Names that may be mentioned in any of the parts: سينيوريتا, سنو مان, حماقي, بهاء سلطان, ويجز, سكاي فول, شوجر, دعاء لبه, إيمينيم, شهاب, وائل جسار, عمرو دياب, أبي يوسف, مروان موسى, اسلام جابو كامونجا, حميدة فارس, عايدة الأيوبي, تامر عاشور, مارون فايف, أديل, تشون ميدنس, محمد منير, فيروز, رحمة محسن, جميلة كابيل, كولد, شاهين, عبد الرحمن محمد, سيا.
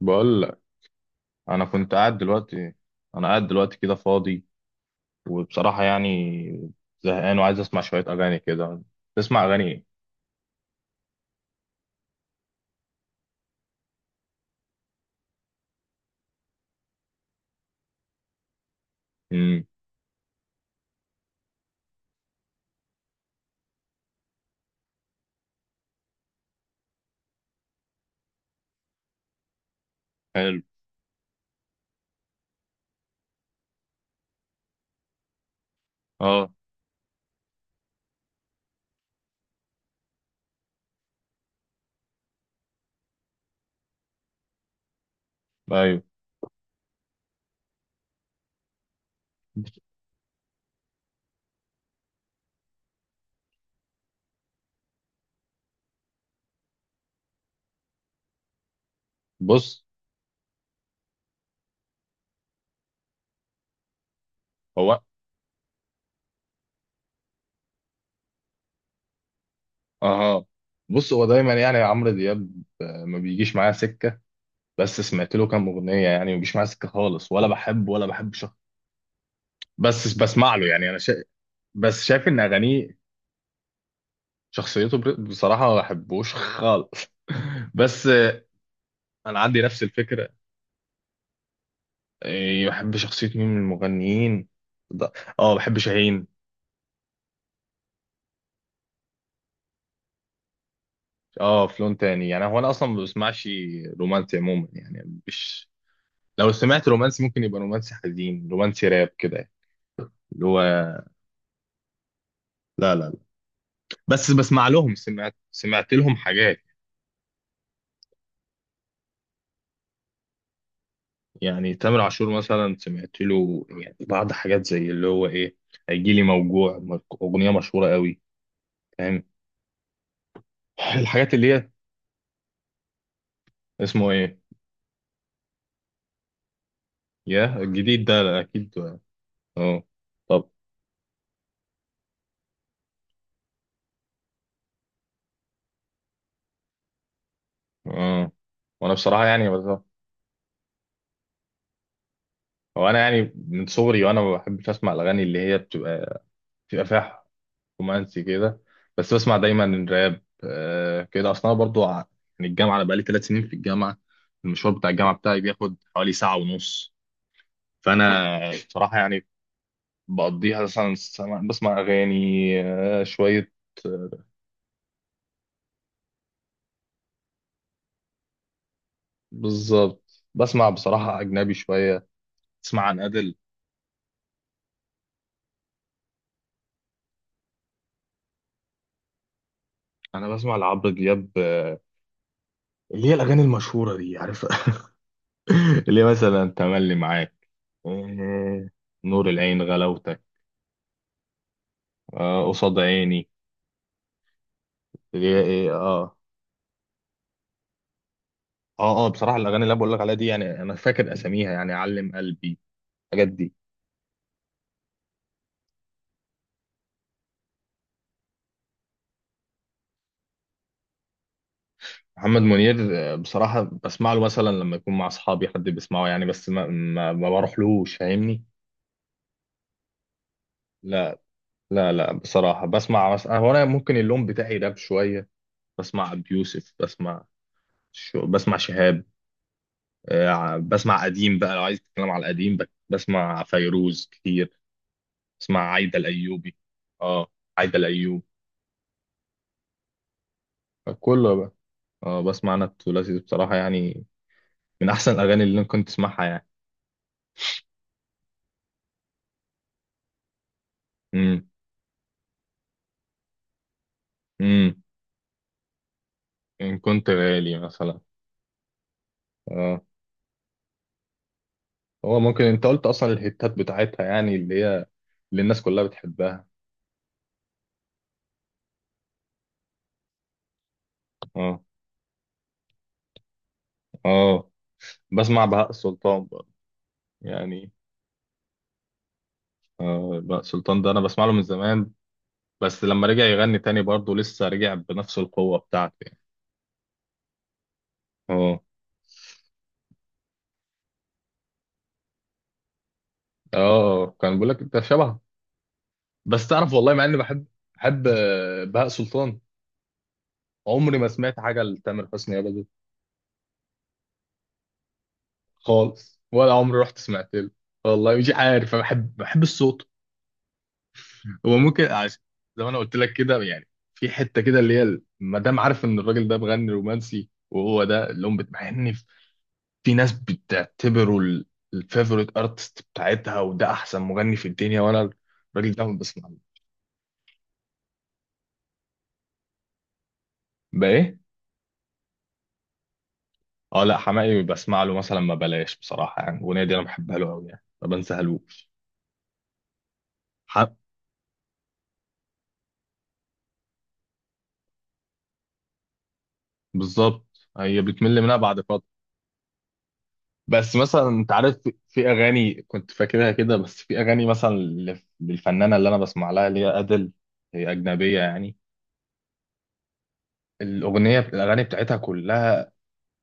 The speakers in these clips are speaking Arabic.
بقول لك، انا كنت قاعد دلوقتي، انا قاعد دلوقتي كده فاضي وبصراحه يعني زهقان وعايز اسمع شويه اغاني كده. تسمع اغاني ايه؟ امم. حلو. اه. ايوه. بص. هو اه بص هو دايما يعني عمرو دياب ما بيجيش معايا سكه، بس سمعت له كام اغنيه يعني ما بيجيش معايا سكه خالص ولا بحبه ولا بحب شخص. بس بسمع له يعني بس شايف ان اغانيه بصراحه ما بحبوش خالص. بس انا عندي نفس الفكره. إيه، بحب شخصية مين من المغنيين؟ ده- اه بحب شاهين. اه في لون تاني، يعني هو انا اصلا ما بسمعش رومانسي عموما يعني، مش لو سمعت رومانسي ممكن يبقى رومانسي حزين، رومانسي راب كده اللي هو. لا لا لا بس بسمع لهم، سمعت لهم حاجات. يعني تامر عاشور مثلا سمعت له يعني بعض حاجات زي اللي هو ايه، هيجي لي موجوع اغنية مشهورة قوي. فاهم الحاجات اللي هي اسمه ايه، يا الجديد ده لا، اكيد اه. طب امم، وانا بصراحه يعني بالظبط. هو انا يعني من صغري وانا ما بحبش اسمع الاغاني اللي هي بتبقى بتبقى فيها رومانسي كده. بس بسمع دايما الراب كده، اصلا أنا برضو يعني الجامعه انا بقالي ثلاث سنين في الجامعه، المشوار بتاع الجامعه بتاعي بياخد حوالي ساعه ونص. فانا بصراحه يعني بقضيها مثلا بسمع اغاني شويه. بالظبط بسمع بصراحه اجنبي شويه. تسمع عن ادل. انا بسمع لعبد دياب اللي هي الاغاني المشهوره دي، عارف؟ ليه مثلا تملي معاك، إيه، نور العين، غلاوتك، آه قصاد عيني، ليه ايه اه. اه اه بصراحه الاغاني اللي انا بقول لك عليها دي، يعني انا فاكر اساميها، يعني علم قلبي، الحاجات دي. محمد منير بصراحه بسمع له مثلا لما يكون مع اصحابي حد بيسمعه، يعني بس ما بروحلوش، فاهمني. لا لا لا بصراحه بسمع مثلا، هو انا ممكن اللون بتاعي راب شويه، بسمع ابي يوسف، بسمع بسمع شهاب. بسمع قديم بقى لو عايز تتكلم على القديم، بسمع فيروز كتير، بسمع عايدة الأيوبي. اه عايدة الأيوب كله بقى. اه بسمع، أنا طفولتي بصراحة يعني من أحسن الأغاني اللي أنا كنت أسمعها يعني. امم. امم. إن كنت غالي مثلا. اه هو ممكن أنت قلت أصلا الهيتات بتاعتها، يعني اللي هي اللي الناس كلها بتحبها. اه. اه بسمع بهاء سلطان برضه. يعني آه بهاء سلطان ده أنا بسمع له من زمان، بس لما رجع يغني تاني برضه لسه رجع بنفس القوة بتاعته يعني. اه. اه كان بيقول لك انت شبه. بس تعرف والله، مع اني بحب بحب بهاء سلطان، عمري ما سمعت حاجة لتامر حسني ابدا. خالص، ولا عمري رحت سمعت له. والله مش عارف، أنا بحب بحب الصوت. هو ممكن عشان، زي ما انا قلت لك كده يعني، في حتة كده اللي هي ما دام عارف ان الراجل ده بغني رومانسي، وهو ده اللي هم بتبقى في ناس بتعتبره الفيفوريت ارتست بتاعتها، وده احسن مغني في الدنيا، وانا الراجل ده ما بسمع له. بقى ايه. اه لا حماقي بسمع له مثلا ما بلاش، بصراحه يعني الاغنيه دي انا بحبها له قوي يعني ما بنساهالوش. حق. بالظبط، هي بتمل منها بعد فتره. بس مثلا انت عارف في اغاني كنت فاكرها كده، بس في اغاني مثلا للفنانه اللي انا بسمع لها اللي هي ادل، هي اجنبيه يعني. الاغاني بتاعتها كلها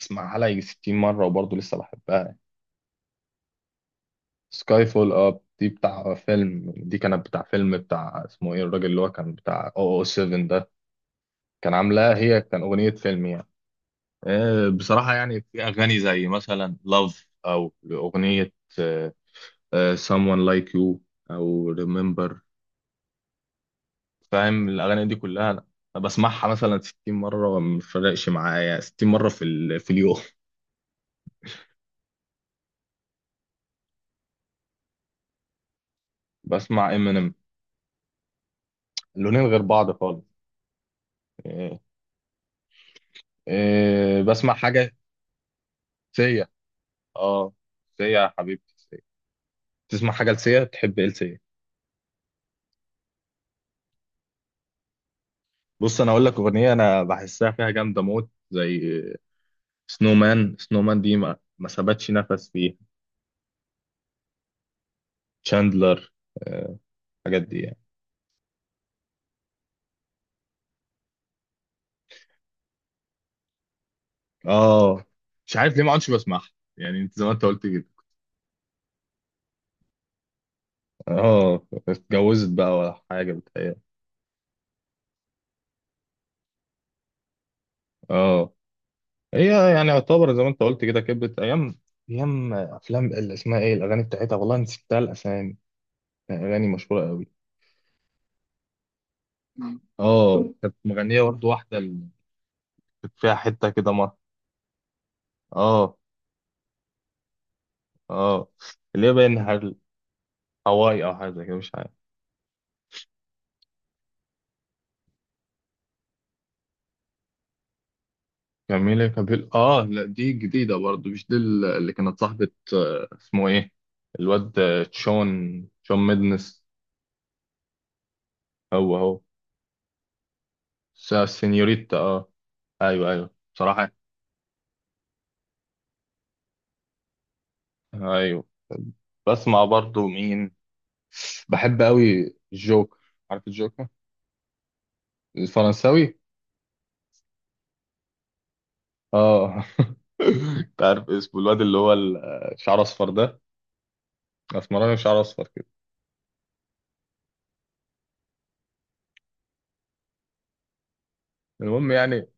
بسمعها لها يجي 60 مره وبرضه لسه بحبها. سكاي فول، اه دي بتاع فيلم، دي كانت بتاع فيلم بتاع اسمه ايه الراجل اللي هو كان بتاع 007 ده، كان عاملاها، هي كان أغنية فيلم يعني. بصراحة يعني في أغاني زي مثلا لاف أو أغنية، آه، someone like you أو remember. فاهم الأغاني دي كلها، أنا بسمعها مثلا 60 مرة ما بتفرقش معايا، 60 مرة في في اليوم. بسمع امينيم، لونين غير بعض خالص. آه، بسمع حاجة، سيا. اه سيا يا حبيبتي. تسمع حاجه لسيا؟ تحب ايه لسيا؟ بص انا اقول لك اغنيه انا بحسها فيها جامده موت، زي سنو مان. سنو مان دي ما سابتش نفس فيها. تشاندلر. الحاجات دي يعني. اه مش عارف ليه ما عادش بسمعها، يعني انت زي ما انت قلت كده. اه اتجوزت بقى ولا حاجه بتهيألي. اه هي يعني يعتبر زي ما انت قلت كده كبرت ايام، ايام افلام اللي اسمها ايه، الاغاني بتاعتها والله نسيتها الاسامي، يعني اغاني مشهوره قوي. اه كانت مغنيه برضه واحده اللي كانت فيها حته كده مره. اه اه اللي هي باين حل... هواي او حاجه زي كده مش عارف. جميلة كابيل، اه لا دي جديدة برضو، مش دي اللي كانت صاحبة آه، اسمه ايه، الواد تشون تشون ميدنس. هو هو س- سينيوريتا اه، ايوه ايوه بصراحة. ايوه. بسمع برضو مين، بحب قوي الجوكر. عارف الجوكر الفرنساوي؟ اه. انت عارف اسمه الواد اللي هو شعره اصفر ده، اسمراني وشعره اصفر كده. المهم يعني،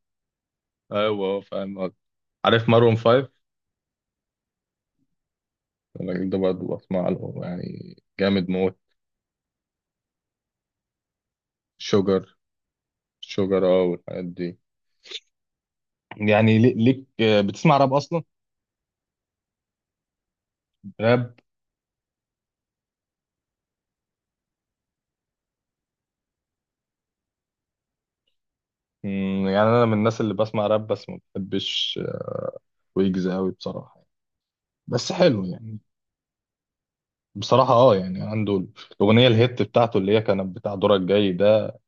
ايوه فاهم. عارف مارون فايف؟ الراجل ده برضه بسمع له يعني جامد موت. شوجر، شوجر اه والحاجات دي. يعني ليك بتسمع راب اصلا؟ راب. مم، يعني انا من الناس اللي بسمع راب، بس ما بحبش ويجز قوي بصراحة، بس حلو يعني. بصراحة اه يعني عنده الأغنية الهيت بتاعته اللي هي كانت بتاع دورك جاي ده،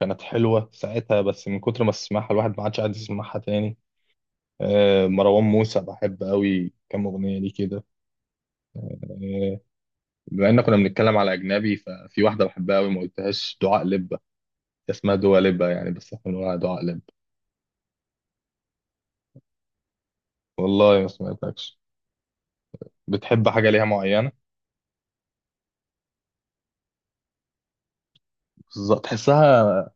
كانت حلوة ساعتها، بس من كتر ما تسمعها الواحد ما عادش قاعد يسمعها تاني. مروان موسى بحب قوي كام أغنية ليه كده. آه، بما ان كنا بنتكلم على اجنبي، ففي واحده بحبها قوي ما قلتهاش، دعاء لبه، اسمها دوا لبه يعني، بس احنا بنقولها دعاء لبه. والله ما سمعتكش. بتحب حاجه ليها معينه؟ بالظبط تحسها.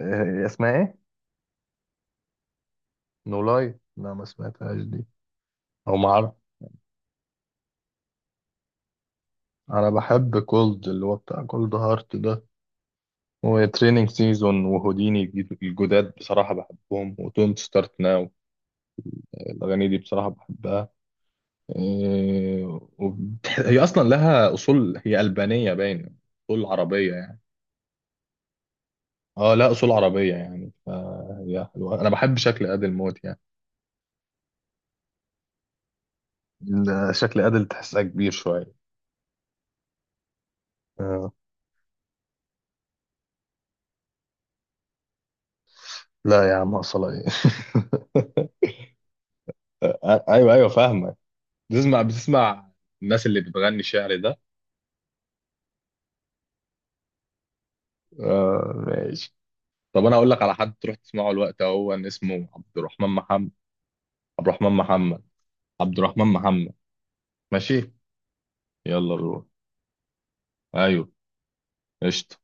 اسمها ايه؟ نولاي لا ما سمعتهاش دي، او ما اعرف. انا بحب كولد اللي هو بتاع كولد هارت ده، وتريننج سيزون، وهوديني الجداد بصراحه بحبهم، وتونت ستارت ناو. الاغاني دي بصراحه بحبها. هي اصلا لها اصول، هي البانيه باين، اصول عربيه يعني. اه لا اصول عربيه يعني، فهي حلوه، انا بحب شكل ادل موت يعني. شكل ادل تحسها كبير شويه. آه. لا يا عم اصلا ايه. ايوه ايوه فاهمك. بتسمع الناس اللي بتغني شعر ده؟ آه ماشي. طب انا اقول لك على حد تروح تسمعه الوقت، هو إن اسمه عبد الرحمن محمد. عبد الرحمن محمد. عبد الرحمن محمد. ماشي. يلا بروح. ايوه. قشطه.